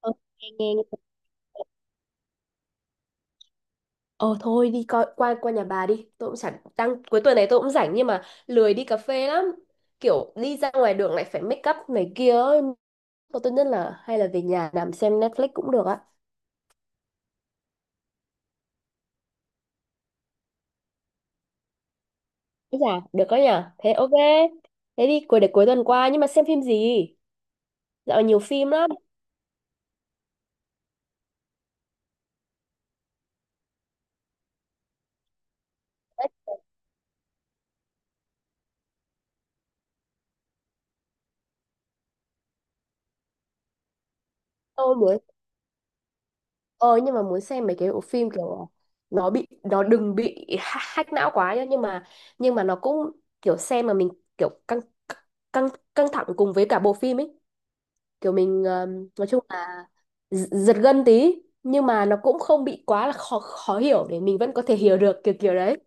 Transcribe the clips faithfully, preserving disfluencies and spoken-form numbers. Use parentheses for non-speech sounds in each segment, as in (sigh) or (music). Ờ, nghe nghe nghe. Ờ thôi đi coi qua qua nhà bà đi. Tôi cũng chẳng đang cuối tuần này tôi cũng rảnh nhưng mà lười đi cà phê lắm. Kiểu đi ra ngoài đường lại phải make up này kia ấy. Thôi tốt nhất là hay là về nhà nằm xem Netflix cũng được á. Thế. Dạ, được đó nhỉ. Thế ok. Thế đi cuối để cuối tuần qua nhưng mà xem phim gì? Dạo này nhiều phim lắm. Tôi muốn Ờ nhưng mà muốn xem mấy cái bộ phim kiểu nó bị nó đừng bị ha- hack não quá nhá nhưng mà nhưng mà nó cũng kiểu xem mà mình kiểu căng căng căng thẳng cùng với cả bộ phim ấy kiểu mình ờm, nói chung là gi- giật gân tí nhưng mà nó cũng không bị quá là khó khó hiểu để mình vẫn có thể hiểu được kiểu kiểu đấy.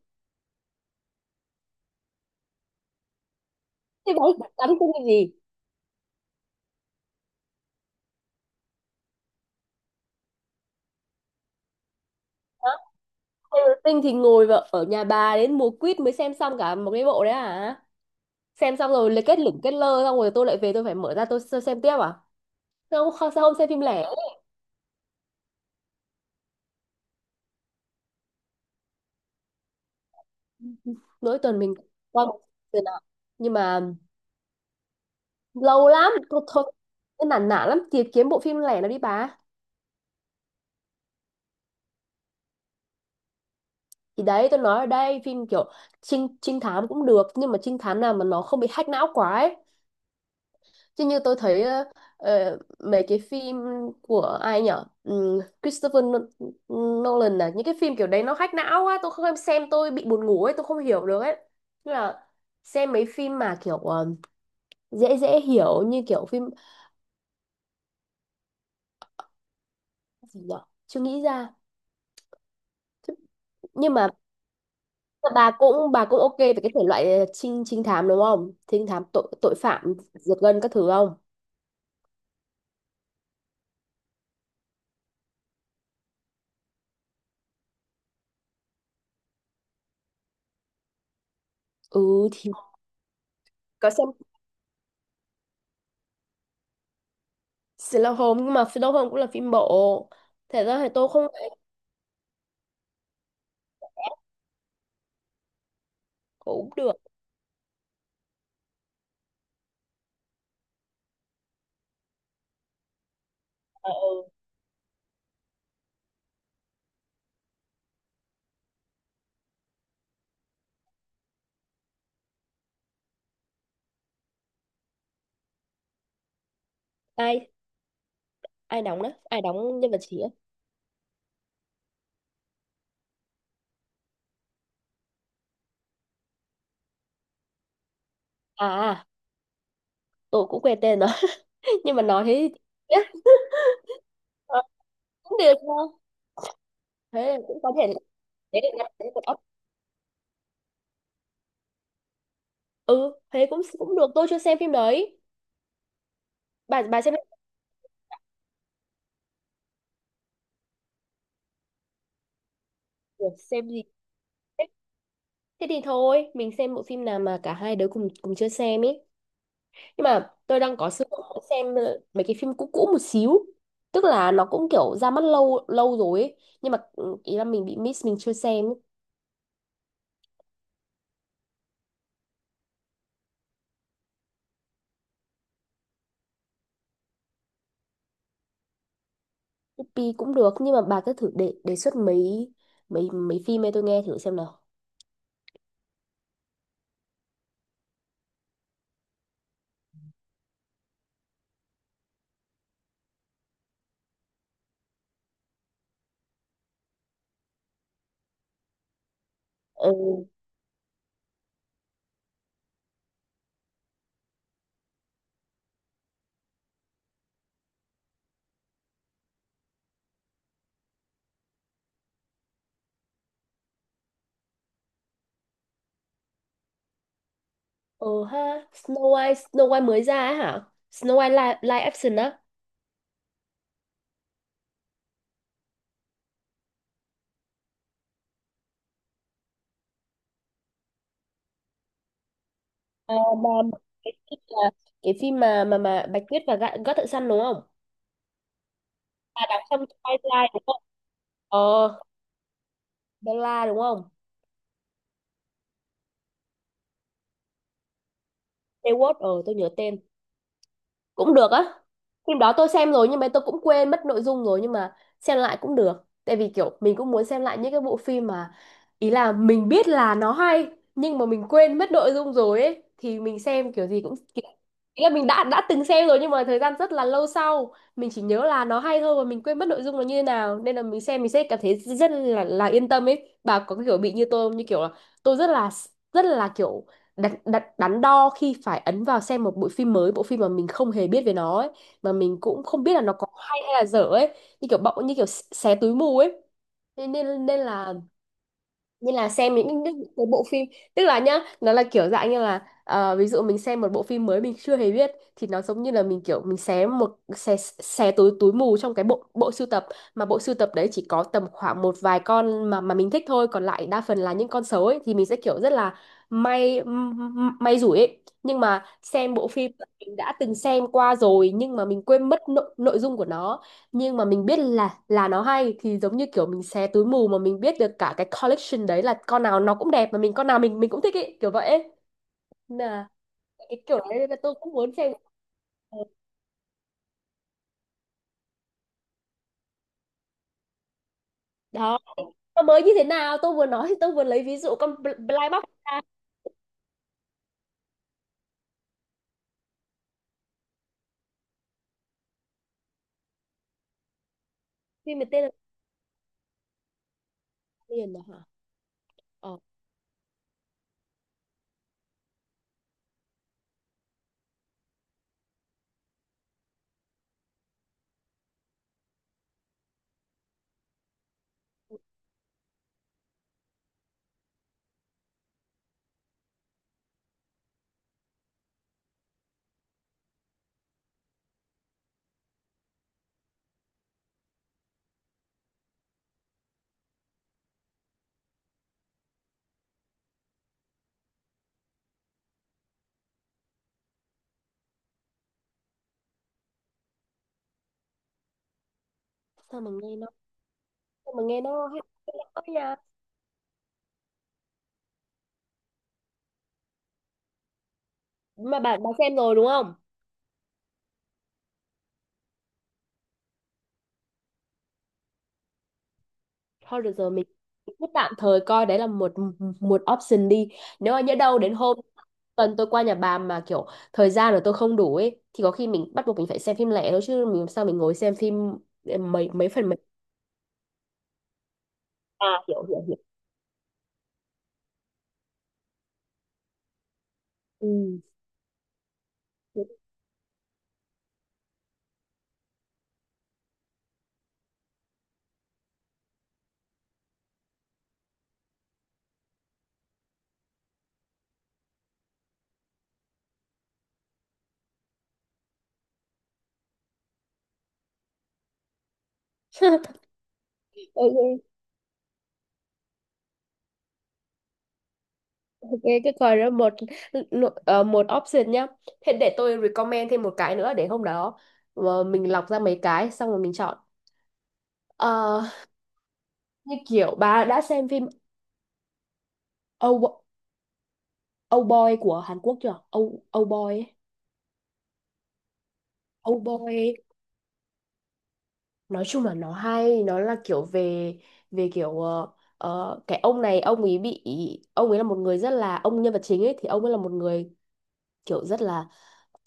Thế bạn tán phim cái gì? Hả? Taylor Swift thì ngồi vào ở nhà bà đến mùa quýt mới xem xong cả một cái bộ đấy à, xem xong rồi lại kết lủng kết lơ xong rồi tôi lại về tôi phải mở ra tôi, tôi xem tiếp à? Không, kho- sao không xem phim lẻ? Mỗi tuần mình coi một lần nào. Nhưng mà lâu lắm, thôi, thôi. Cái nản nản lắm, tìm kiếm bộ phim lẻ nào đi bà. Thì đấy, tôi nói ở đây, phim kiểu trinh, trinh thám cũng được, nhưng mà trinh thám nào mà nó không bị hack não quá ấy. Chứ như tôi thấy ờ, ờ, mấy cái phim của ai nhở? Ừm, Christopher Nol- Nolan này, những cái phim kiểu đấy nó hack não quá, tôi không xem tôi bị buồn ngủ ấy, tôi không hiểu được ấy. Tức là xem mấy phim mà kiểu ờ, dễ dễ hiểu như kiểu phim gì nhở, chưa nghĩ ra. Thế nhưng mà bà cũng bà cũng ok về cái thể loại ờ, trinh trinh thám đúng không, trinh thám tội tội phạm giật gân các thứ không? Ừ thì có xem Sherlock Holmes nhưng mà Sherlock Holmes cũng là phim bộ, thế ra thì tôi không, cũng được. Ờ, ừ. Ai, ai đóng đó ai đóng nhân vật chính ấy? À à, tôi cũng quên tên rồi (laughs) nhưng mà nói thế thì biết. Ờ, cũng được nha, thế là cũng có thể, thế được nha. Thế còn ốc. Ừ thế cũng cũng được, tôi chưa xem phim đấy. Bà bà xem. Ủa, xem gì? Thế thế thì thôi mình xem bộ phim nào mà cả hai đứa cùng cùng chưa xem ấy, nhưng mà tôi đang có sự muốn xem ờ, mấy cái phim cũ cũ một xíu, tức là nó cũng kiểu ra mắt lâu lâu rồi ấy. Nhưng mà ừ, ý là mình bị miss, mình chưa xem ấy. Pi cũng được nhưng mà bà cứ thử đề đề xuất mấy mấy mấy phim ấy tôi nghe thử xem nào. Ừ, ừ ha. Snow White Snow White mới ra á hả? Snow White live, live action á? À, bà, cái phim là cái phim mà mà mà Bạch Tuyết và gã gã thợ săn đúng không? À, đằng trong Twilight đúng không? Ờ, Bella đúng không? Stewart, ờ tôi nhớ tên, cũng được á. Phim đó tôi xem rồi nhưng mà tôi cũng quên mất nội dung rồi, nhưng mà xem lại cũng được tại vì kiểu mình cũng muốn xem lại những cái bộ phim mà ý là mình biết là nó hay, nhưng mà mình quên mất nội dung rồi ấy thì mình xem kiểu gì cũng kiểu, ý là mình đã đã từng xem rồi nhưng mà thời gian rất là lâu sau mình chỉ nhớ là nó hay thôi và mình quên mất nội dung nó như thế nào nên là mình xem mình sẽ cảm thấy rất là là yên tâm ấy. Bà có kiểu bị như tôi không, như kiểu là tôi rất là rất là kiểu đắn, đắn, đắn đo khi phải ấn vào xem một bộ phim mới, bộ phim mà mình không hề biết về nó ấy, mà mình cũng không biết là nó có hay hay là dở ấy, như kiểu bỗng như kiểu xé túi mù ấy, nên nên, nên là như là xem những những cái bộ phim, tức là nhá nó là kiểu dạng như là ờ, ví dụ mình xem một bộ phim mới mình chưa hề biết thì nó giống như là mình kiểu mình xé một xé xé túi túi mù trong cái bộ bộ sưu tập mà bộ sưu tập đấy chỉ có tầm khoảng một vài con mà mà mình thích thôi còn lại đa phần là những con xấu ấy thì mình sẽ kiểu rất là may may rủi ấy, nhưng mà xem bộ phim mình đã từng xem qua rồi nhưng mà mình quên mất nội, nội dung của nó nhưng mà mình biết là là nó hay thì giống như kiểu mình xé túi mù mà mình biết được cả cái collection đấy là con nào nó cũng đẹp mà mình con nào mình mình cũng thích ý kiểu vậy ấy. Nên là cái kiểu đấy là tôi cũng muốn xem. Ờ, đó nó mới như thế nào tôi vừa nói thì tôi vừa lấy ví dụ con Bl- Blind Box ra. Phim này tên là liền đó hả? Ờ, sao mà nghe nó, sao mà nghe nó hay quá nha. Mà bạn bạn xem rồi đúng không? Thôi được rồi mình cứ tạm thời coi đấy là một, một option đi, nếu mà nhỡ đâu đến hôm tuần tôi qua nhà bà mà kiểu thời gian rồi tôi không đủ ấy thì có khi mình bắt buộc mình phải xem phim lẻ thôi chứ mình làm sao mình ngồi xem phim ờ, mấy mấy phần mấy. À (laughs) hiểu hiểu hiểu. Ừ. (laughs) Ok, ok cái coi đó một, ờ, một option nhá. Thế để tôi recommend thêm một cái nữa để hôm đó, ờ, mình lọc ra mấy cái xong rồi mình chọn. Ờ, như kiểu bà đã xem phim Ow- Âu Boy của Hàn Quốc chưa? Âu Âu Boy ấy. Âu Boy ấy, nói chung là nó hay, nó là kiểu về về kiểu ờ, ờ, cái ông này ông ấy bị, ông ấy là một người rất là, ông nhân vật chính ấy thì ông ấy là một người kiểu rất là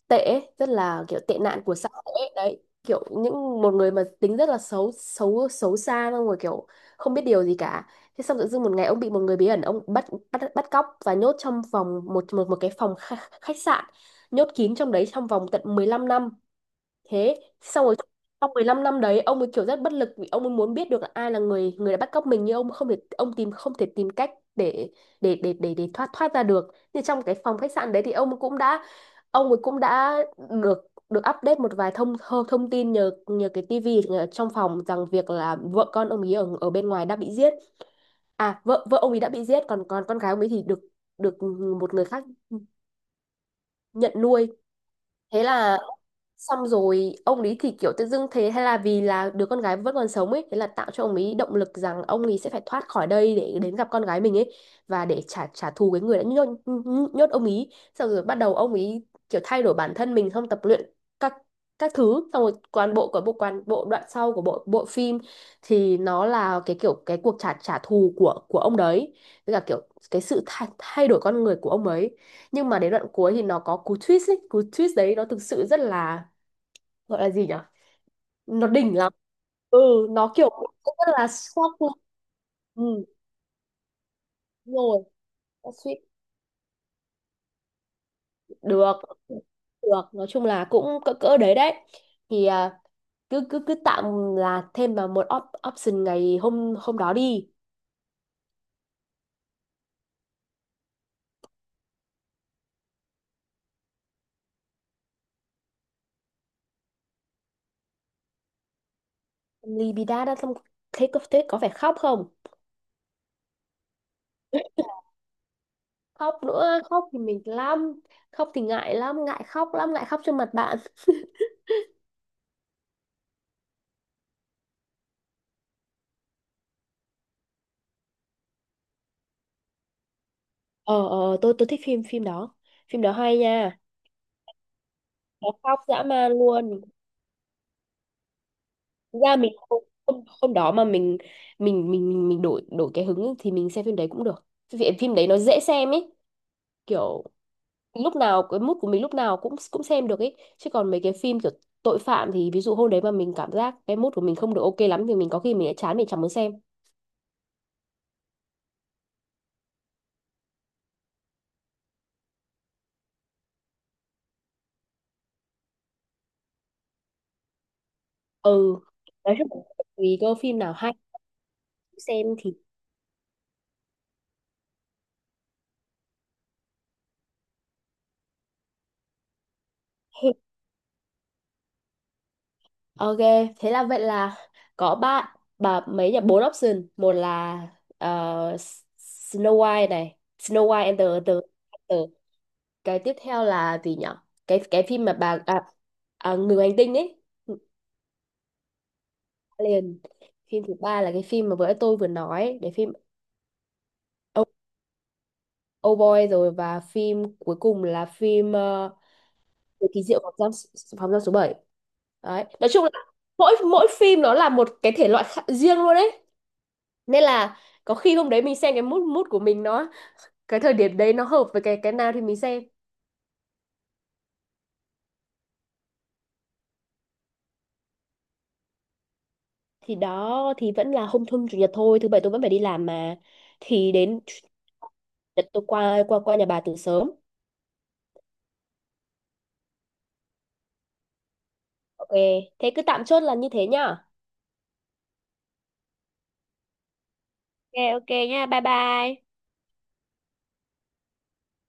tệ ấy, rất là kiểu tệ nạn của xã hội ấy. Đấy, kiểu những một người mà tính rất là xấu xấu xấu xa xong rồi kiểu không biết điều gì cả. Thế xong tự dưng một ngày ông bị một người bí ẩn ông bắt, bắt bắt cóc và nhốt trong vòng một một một cái phòng khách, khách sạn, nhốt kín trong đấy trong vòng tận mười lăm năm. Thế xong rồi trong mười lăm năm đấy ông ấy kiểu rất bất lực vì ông ấy muốn biết được là ai là người người đã bắt cóc mình nhưng ông không thể, ông tìm không thể tìm cách để để để để để thoát thoát ra được, nhưng trong cái phòng khách sạn đấy thì ông cũng đã, ông ấy cũng đã được được update một vài thông thông, thông tin nhờ nhờ cái tivi ở trong phòng rằng việc là vợ con ông ấy ở ở bên ngoài đã bị giết, à vợ vợ ông ấy đã bị giết còn còn con gái ông ấy thì được, được một người khác nhận nuôi. Thế là xong rồi ông ấy thì kiểu tự dưng thế hay là vì là đứa con gái vẫn còn sống ấy thế là tạo cho ông ấy động lực rằng ông ấy sẽ phải thoát khỏi đây để đến gặp con gái mình ấy và để trả trả thù cái người đã nhốt, nhốt ông ấy, xong rồi bắt đầu ông ấy kiểu thay đổi bản thân mình xong tập luyện các các thứ, xong rồi toàn bộ của bộ toàn bộ đoạn sau của bộ bộ phim thì nó là cái kiểu cái cuộc trả trả thù của của ông đấy với cả kiểu cái sự thay, thay đổi con người của ông ấy, nhưng mà đến đoạn cuối thì nó có cú twist ấy, cú twist đấy nó thực sự rất là, gọi là gì nhỉ, nó đỉnh lắm. Ừ nó kiểu cũng rất là shock luôn. Ừ đúng rồi, nó suýt được, được nói chung là cũng cỡ cỡ đấy đấy thì à, cứ cứ cứ tạm là thêm vào một op- option ngày hôm hôm đó đi. Libida đã xong, thế có, thế có phải khóc không? Khóc nữa, khóc thì mình lắm, khóc thì ngại lắm, ngại khóc lắm, ngại khóc trước mặt bạn. Ờ ờ tôi tôi thích phim phim đó, phim đó hay nha, nó khóc dã man luôn. Thực ra mình hôm, hôm hôm đó mà mình mình mình mình mình đổi đổi cái hứng ấy, thì mình xem phim đấy cũng được vì phim đấy nó dễ xem ấy, kiểu lúc nào cái mood của mình lúc nào cũng cũng xem được ấy chứ còn mấy cái phim kiểu tội phạm thì ví dụ hôm đấy mà mình cảm giác cái mood của mình không được ok lắm thì mình có khi mình sẽ chán mình chẳng muốn xem. Ừ, nói chung là tùy cơ phim nào hay xem thì hay. Ok, thế là vậy là có ba bà mấy nhỉ bốn option, một là ờ, S- Snow White này, Snow White and the, the the, cái tiếp theo là gì nhở, cái cái phim mà bà à, à, người ngoài hành tinh ấy, liền, phim thứ ba là cái phim mà vừa tôi vừa nói để phim Oh, oh Boy rồi và phim cuối cùng là phim ờ, Người kỳ diệu phòng giam, phòng giam số bảy, đấy nói chung là mỗi mỗi phim nó là một cái thể loại khác, riêng luôn đấy nên là có khi hôm đấy mình xem cái mood mood của mình nó, cái thời điểm đấy nó hợp với cái cái nào thì mình xem. Thì đó thì vẫn là hôm hôm chủ nhật thôi, thứ bảy tôi vẫn phải đi làm mà, thì đến, đợt tôi qua qua qua nhà bà từ sớm. Ok, thế cứ tạm chốt là như thế nhá. Ok ok nha, bye bye.